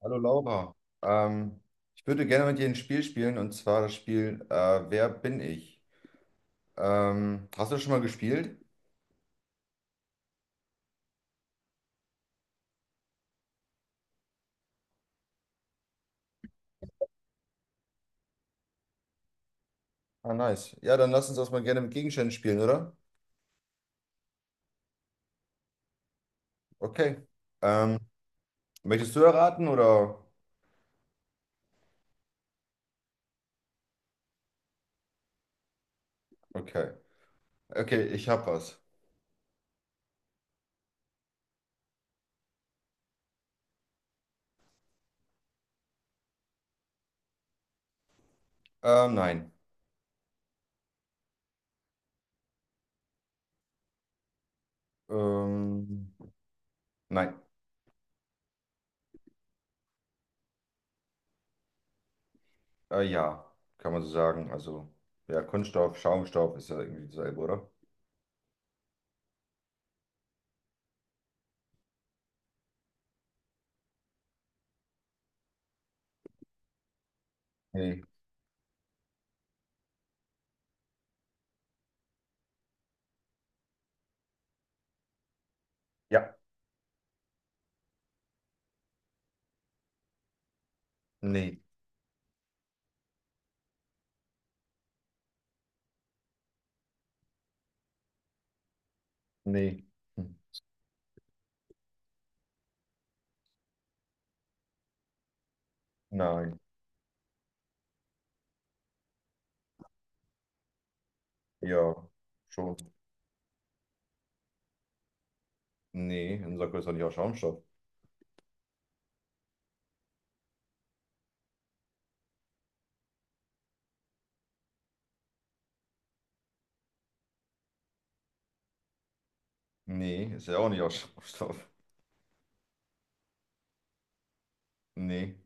Hallo Laura, ähm, ich würde gerne mit dir ein Spiel spielen und zwar das Spiel Wer bin ich? Hast du das schon mal gespielt? Ah, nice. Ja, dann lass uns das mal gerne mit Gegenständen spielen, oder? Okay. Ähm, möchtest du erraten oder? Okay. Okay, ich hab was. Nein. Ähm, nein. Ja, kann man so sagen. Also, ja, Kunststoff, Schaumstoff ist ja irgendwie dasselbe, oder? Nee. Ja. Nee. Nee. Hm. Nein. Ja, schon. Nee, ein Sakko ist doch nicht aus Schaumstoff. Nee, ist ja auch nicht aus Schaumstoff. Nee.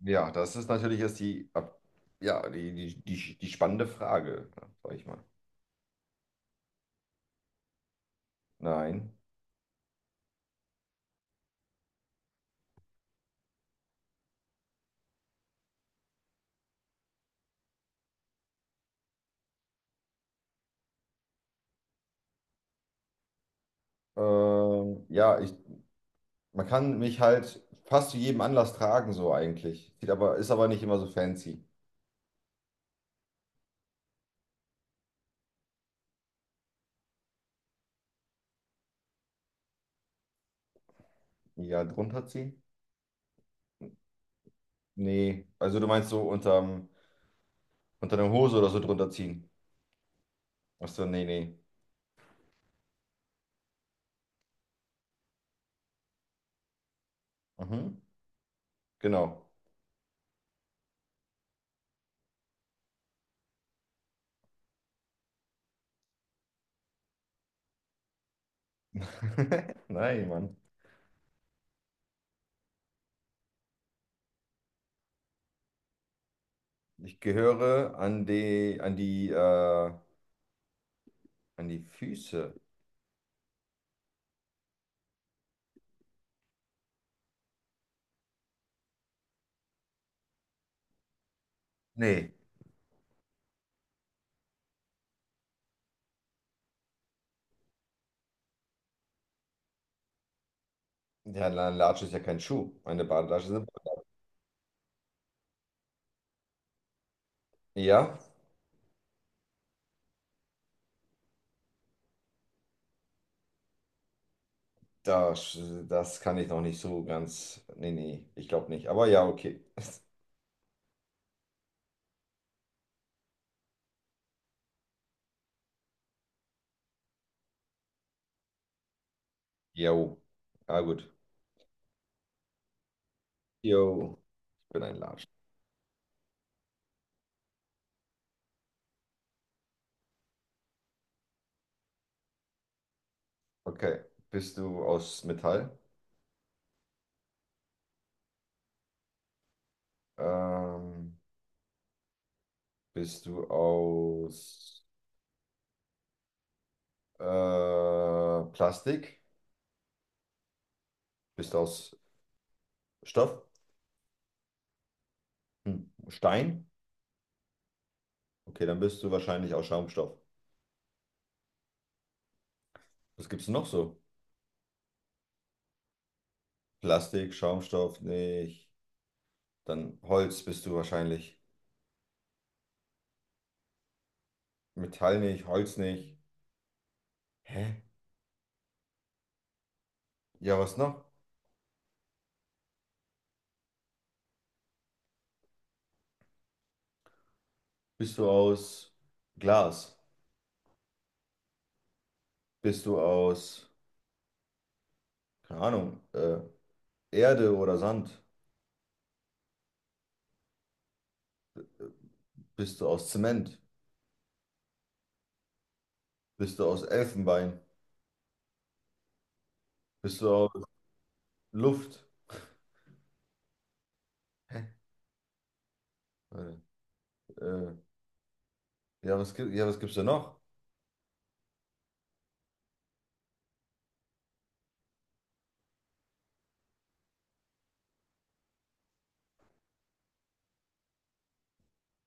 Ja, das ist natürlich jetzt die, ja, die spannende Frage, sag ich mal. Nein. Ja, man kann mich halt fast zu jedem Anlass tragen, so eigentlich. Sieht aber, ist aber nicht immer so fancy. Ja, drunter ziehen? Nee. Also du meinst so unterm, unter der Hose oder so drunter ziehen? Ach so, nee, nee. Mhm. Genau. Nein, Mann. Ich gehöre an die, an die Füße. Nee, ja, eine Latsche ist ja kein Schuh. Eine Badelatsch ist eine Ja, das, das kann ich noch nicht so ganz. Nee, nee, ich glaube nicht. Aber ja, okay. Jo. Ah gut. Jo, ich bin ein Latsch. Okay. Bist du aus Metall? Ähm, bist du aus äh, Plastik? Bist du aus Stoff? Hm. Stein? Okay, dann bist du wahrscheinlich aus Schaumstoff. Was gibt's noch so? Plastik, Schaumstoff nicht. Dann Holz bist du wahrscheinlich. Metall nicht, Holz nicht. Hä? Ja, was noch? Bist du aus Glas? Bist du aus, keine Ahnung, Erde oder Sand? Bist du aus Zement? Bist du aus Elfenbein? Bist du aus Luft? Hä? Warte, Äh, ja, ja, was gibt's da noch?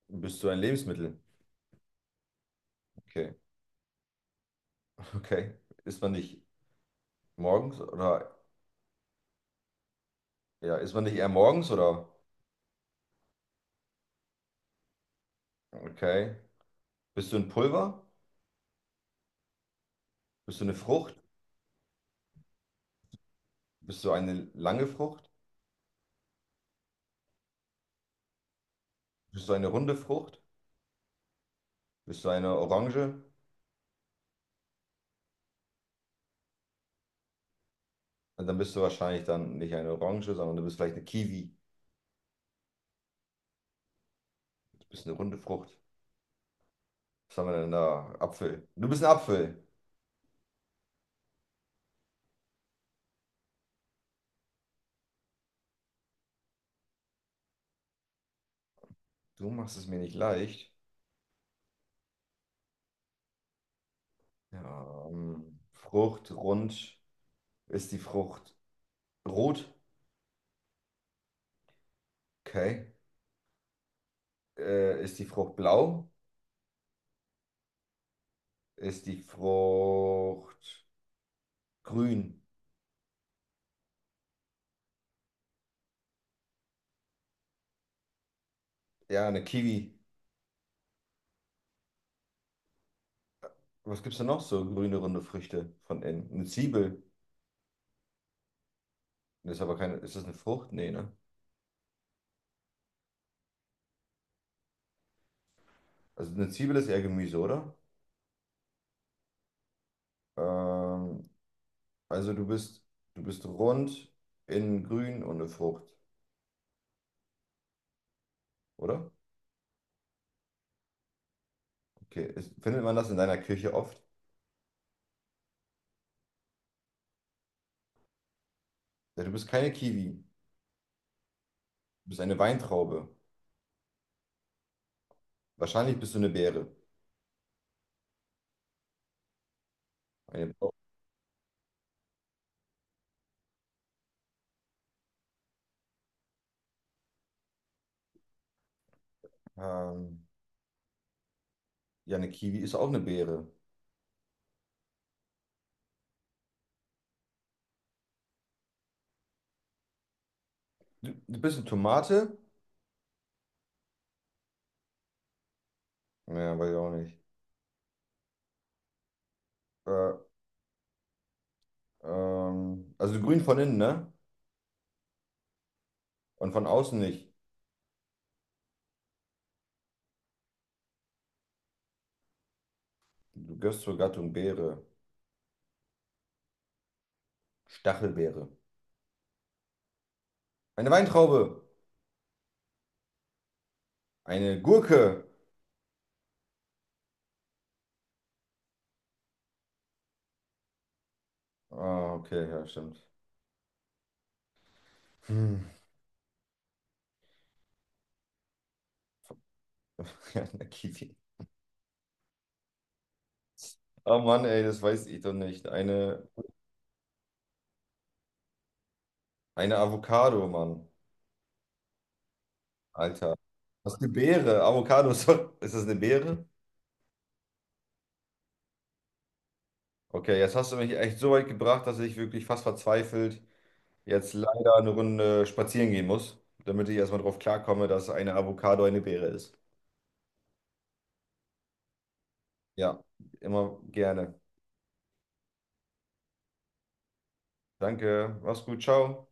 Bist du ein Lebensmittel? Okay, okay. Isst man nicht morgens oder, ja, isst man nicht eher morgens oder? Okay. Bist du ein Pulver? Bist du eine Frucht? Bist du eine lange Frucht? Bist du eine runde Frucht? Bist du eine Orange? Und dann bist du wahrscheinlich dann nicht eine Orange, sondern du bist vielleicht eine Kiwi. Du bist eine runde Frucht. Was haben wir denn da? Apfel. Du bist ein Apfel. Du machst es mir nicht leicht. Ja, Frucht, rund. Ist die Frucht rot? Okay. Ist die Frucht blau? Ist die Frucht grün? Ja, eine Kiwi. Was gibt's denn noch so grüne, runde Früchte von innen? Eine Zwiebel. Das ist aber keine. Ist das eine Frucht? Nee, ne? Also eine Zwiebel ist eher Gemüse, oder? Ähm, also du bist rund, innen grün und eine Frucht, oder? Okay. Ist, findet man das in deiner Küche oft? Ja, du bist keine Kiwi. Du bist eine Weintraube. Wahrscheinlich bist du eine Beere. Eine, ähm, ja, eine Kiwi ist auch eine Beere. Du bist eine Tomate? Ja, weiß ich auch nicht. Äh, also grün von innen, ne? Und von außen nicht. Du gehörst zur Gattung Beere. Stachelbeere. Eine Weintraube. Eine Gurke. Ah, okay, ja, stimmt. Hm. Ja, eine Kiwi. Oh Mann, ey, das weiß ich doch nicht. Eine Avocado, Mann. Alter. Was ist eine Beere? Avocado, ist doch- ist das eine Beere? Okay, jetzt hast du mich echt so weit gebracht, dass ich wirklich fast verzweifelt jetzt leider eine Runde spazieren gehen muss, damit ich erstmal drauf klarkomme, dass eine Avocado eine Beere ist. Ja, immer gerne. Danke, mach's gut, ciao.